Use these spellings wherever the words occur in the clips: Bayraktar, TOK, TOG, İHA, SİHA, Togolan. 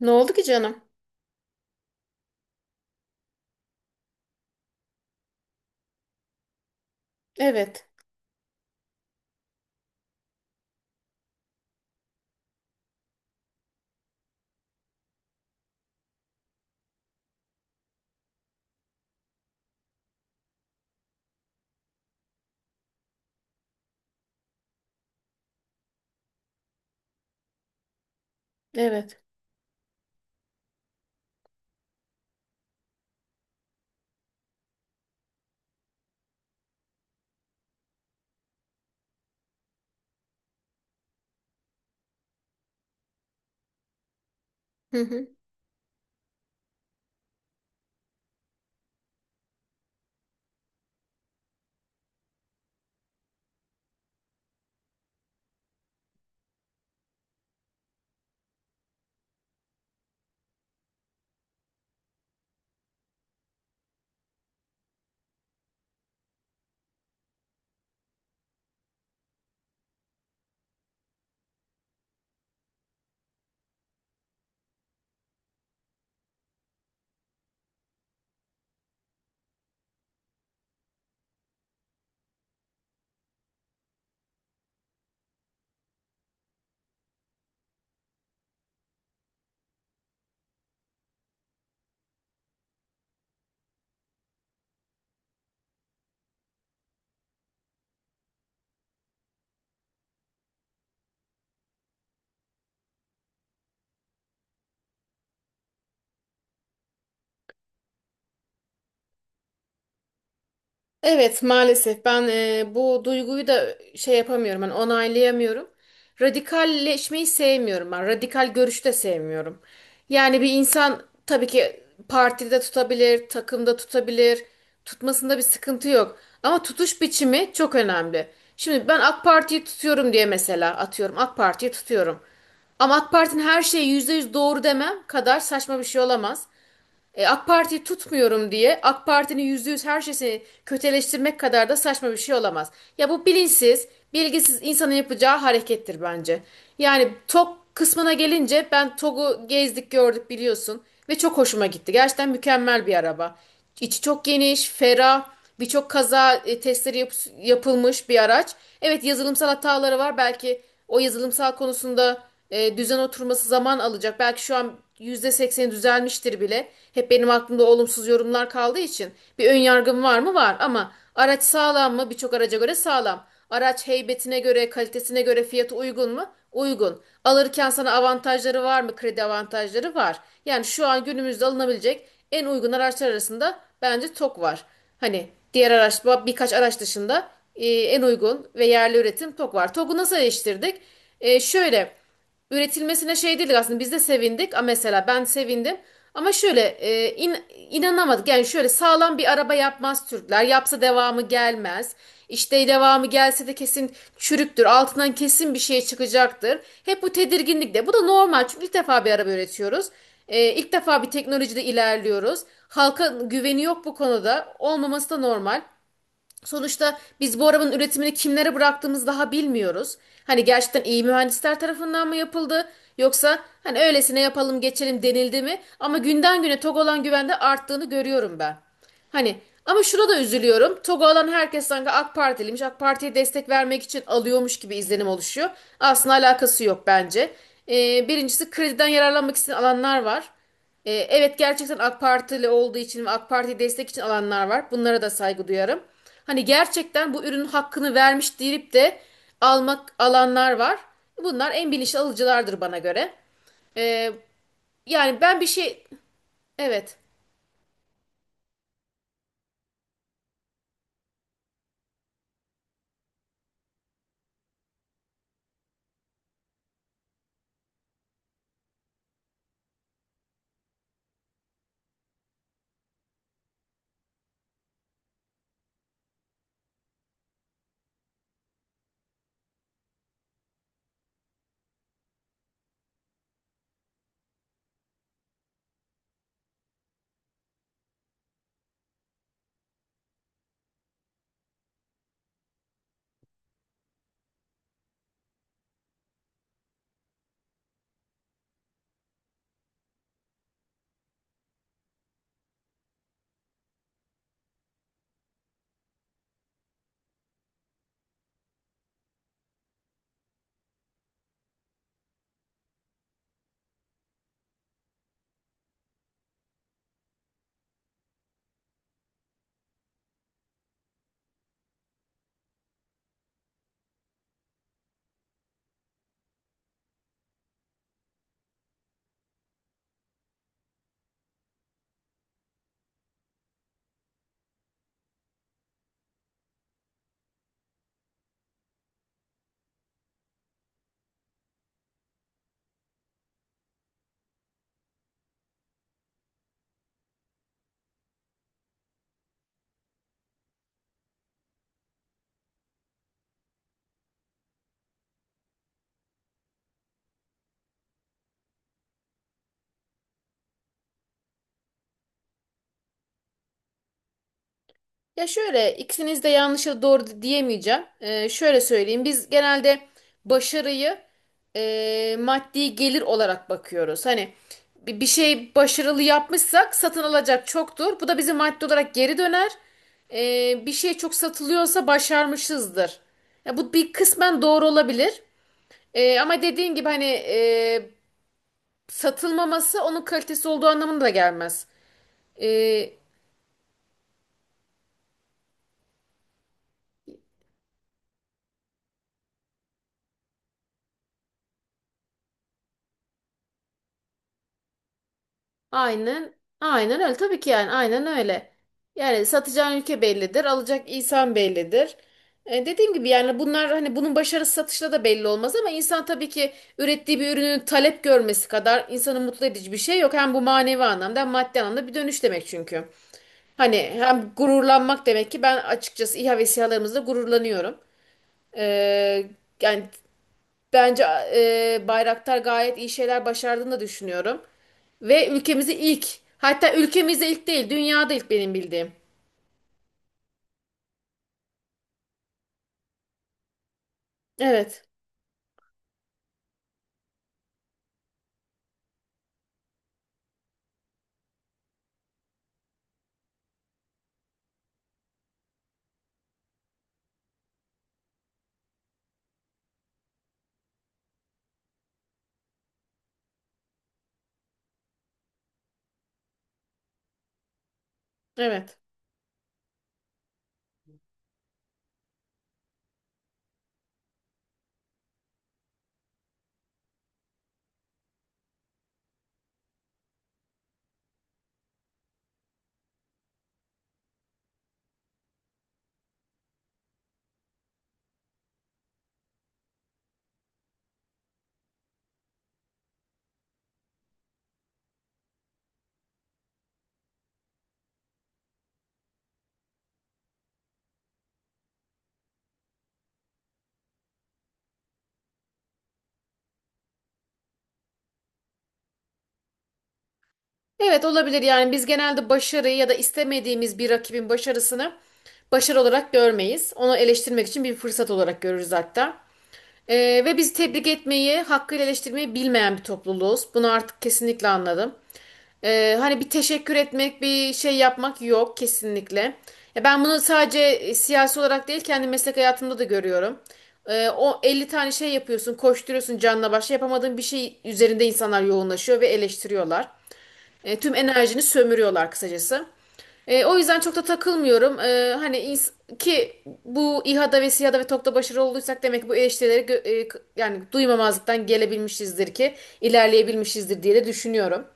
Ne oldu ki canım? Evet, evet. Hı hı. Evet, maalesef ben bu duyguyu da şey yapamıyorum, hani onaylayamıyorum. Radikalleşmeyi sevmiyorum ben. Radikal görüşü de sevmiyorum. Yani bir insan tabii ki partide tutabilir, takımda tutabilir. Tutmasında bir sıkıntı yok. Ama tutuş biçimi çok önemli. Şimdi ben AK Parti'yi tutuyorum diye mesela atıyorum. AK Parti'yi tutuyorum. Ama AK Parti'nin her şeyi %100 doğru demem kadar saçma bir şey olamaz. AK Parti'yi tutmuyorum diye AK Parti'nin %100 her şeyini kötüleştirmek kadar da saçma bir şey olamaz. Ya bu bilinçsiz, bilgisiz insanın yapacağı harekettir bence. Yani TOG kısmına gelince ben TOG'u gezdik gördük biliyorsun ve çok hoşuma gitti. Gerçekten mükemmel bir araba. İçi çok geniş, ferah birçok kaza testleri yapılmış bir araç. Evet, yazılımsal hataları var. Belki o yazılımsal konusunda düzen oturması zaman alacak. Belki şu an %80'i düzelmiştir bile. Hep benim aklımda olumsuz yorumlar kaldığı için bir ön yargım var mı? Var, ama araç sağlam mı? Birçok araca göre sağlam. Araç heybetine göre, kalitesine göre fiyatı uygun mu? Uygun. Alırken sana avantajları var mı? Kredi avantajları var. Yani şu an günümüzde alınabilecek en uygun araçlar arasında bence TOK var. Hani diğer araç, birkaç araç dışında en uygun ve yerli üretim TOG var. TOG'u nasıl eleştirdik? Şöyle üretilmesine şey dedik, aslında biz de sevindik. A mesela ben sevindim. Ama şöyle inanamadık. Yani şöyle sağlam bir araba yapmaz Türkler. Yapsa devamı gelmez. İşte devamı gelse de kesin çürüktür. Altından kesin bir şey çıkacaktır. Hep bu tedirginlik de. Bu da normal, çünkü ilk defa bir araba üretiyoruz. İlk defa bir teknolojide ilerliyoruz. Halka güveni yok bu konuda. Olmaması da normal. Sonuçta biz bu arabanın üretimini kimlere bıraktığımızı daha bilmiyoruz. Hani gerçekten iyi mühendisler tarafından mı yapıldı yoksa hani öylesine yapalım geçelim denildi mi? Ama günden güne Togolan güvende arttığını görüyorum ben. Hani, ama şuna da üzülüyorum. Togolan herkes sanki AK Partiliymiş. AK Parti'ye destek vermek için alıyormuş gibi izlenim oluşuyor. Aslında alakası yok bence. Birincisi krediden yararlanmak isteyen alanlar var. Evet, gerçekten AK Partili olduğu için ve AK Parti'yi destek için alanlar var. Bunlara da saygı duyarım. Hani gerçekten bu ürünün hakkını vermiş deyip de almak alanlar var. Bunlar en bilinçli alıcılardır bana göre. E, yani ben bir şey... Evet. Ya şöyle, ikisiniz de yanlış ya da doğru diyemeyeceğim. Şöyle söyleyeyim. Biz genelde başarıyı maddi gelir olarak bakıyoruz. Hani bir şey başarılı yapmışsak satın alacak çoktur. Bu da bize maddi olarak geri döner. Bir şey çok satılıyorsa başarmışızdır. Ya bu bir kısmen doğru olabilir. Ama dediğin gibi hani satılmaması onun kalitesi olduğu anlamına da gelmez. Ee, Aynen, aynen öyle. Tabii ki, yani aynen öyle. Yani satacağın ülke bellidir, alacak insan bellidir. Dediğim gibi yani bunlar hani bunun başarısı satışla da belli olmaz, ama insan tabii ki ürettiği bir ürünün talep görmesi kadar insanı mutlu edici bir şey yok. Hem bu manevi anlamda hem maddi anlamda bir dönüş demek çünkü. Hani hem gururlanmak demek ki ben açıkçası İHA ve SİHA'larımızla gururlanıyorum. Ee, yani bence Bayraktar gayet iyi şeyler başardığını da düşünüyorum. Ve ülkemizi ilk, hatta ülkemizde ilk değil, dünyada ilk benim bildiğim. Evet, evet. Evet, olabilir. Yani biz genelde başarıyı ya da istemediğimiz bir rakibin başarısını başarı olarak görmeyiz. Onu eleştirmek için bir fırsat olarak görürüz hatta. Ve bizi tebrik etmeyi, hakkıyla eleştirmeyi bilmeyen bir topluluğuz. Bunu artık kesinlikle anladım. Hani bir teşekkür etmek, bir şey yapmak yok kesinlikle. Ya ben bunu sadece siyasi olarak değil, kendi meslek hayatımda da görüyorum. O 50 tane şey yapıyorsun, koşturuyorsun canla başla, yapamadığın bir şey üzerinde insanlar yoğunlaşıyor ve eleştiriyorlar. Tüm enerjini sömürüyorlar kısacası. O yüzden çok da takılmıyorum. Hani ki bu İHA'da ve SİHA'da ve TOKİ'de başarılı olduysak demek ki bu eleştirileri yani duymamazlıktan gelebilmişizdir ki ilerleyebilmişizdir diye de düşünüyorum.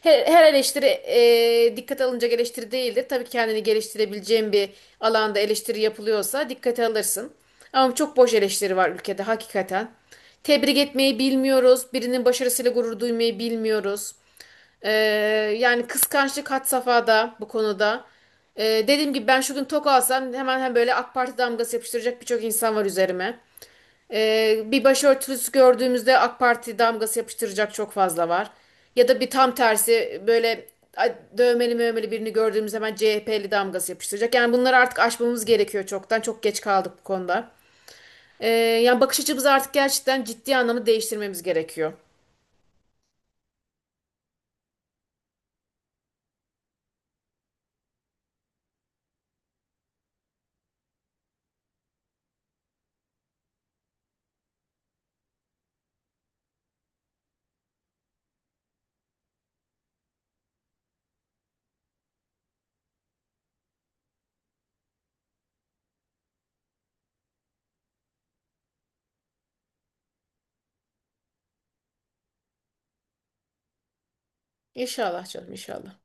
Her eleştiri dikkate alınacak eleştiri değildir. Tabii kendini geliştirebileceğin bir alanda eleştiri yapılıyorsa dikkate alırsın. Ama çok boş eleştiri var ülkede hakikaten. Tebrik etmeyi bilmiyoruz. Birinin başarısıyla gurur duymayı bilmiyoruz. Ee, yani kıskançlık had safhada bu konuda. Dediğim gibi ben şu gün tok alsam hemen hem böyle AK Parti damgası yapıştıracak birçok insan var üzerime. Bir başörtüsü gördüğümüzde AK Parti damgası yapıştıracak çok fazla var. Ya da bir tam tersi, böyle ay, dövmeli mövmeli birini gördüğümüz hemen CHP'li damgası yapıştıracak. Yani bunları artık aşmamız gerekiyor çoktan. Çok geç kaldık bu konuda. Ee, yani bakış açımızı artık gerçekten ciddi anlamda değiştirmemiz gerekiyor. İnşallah canım, inşallah.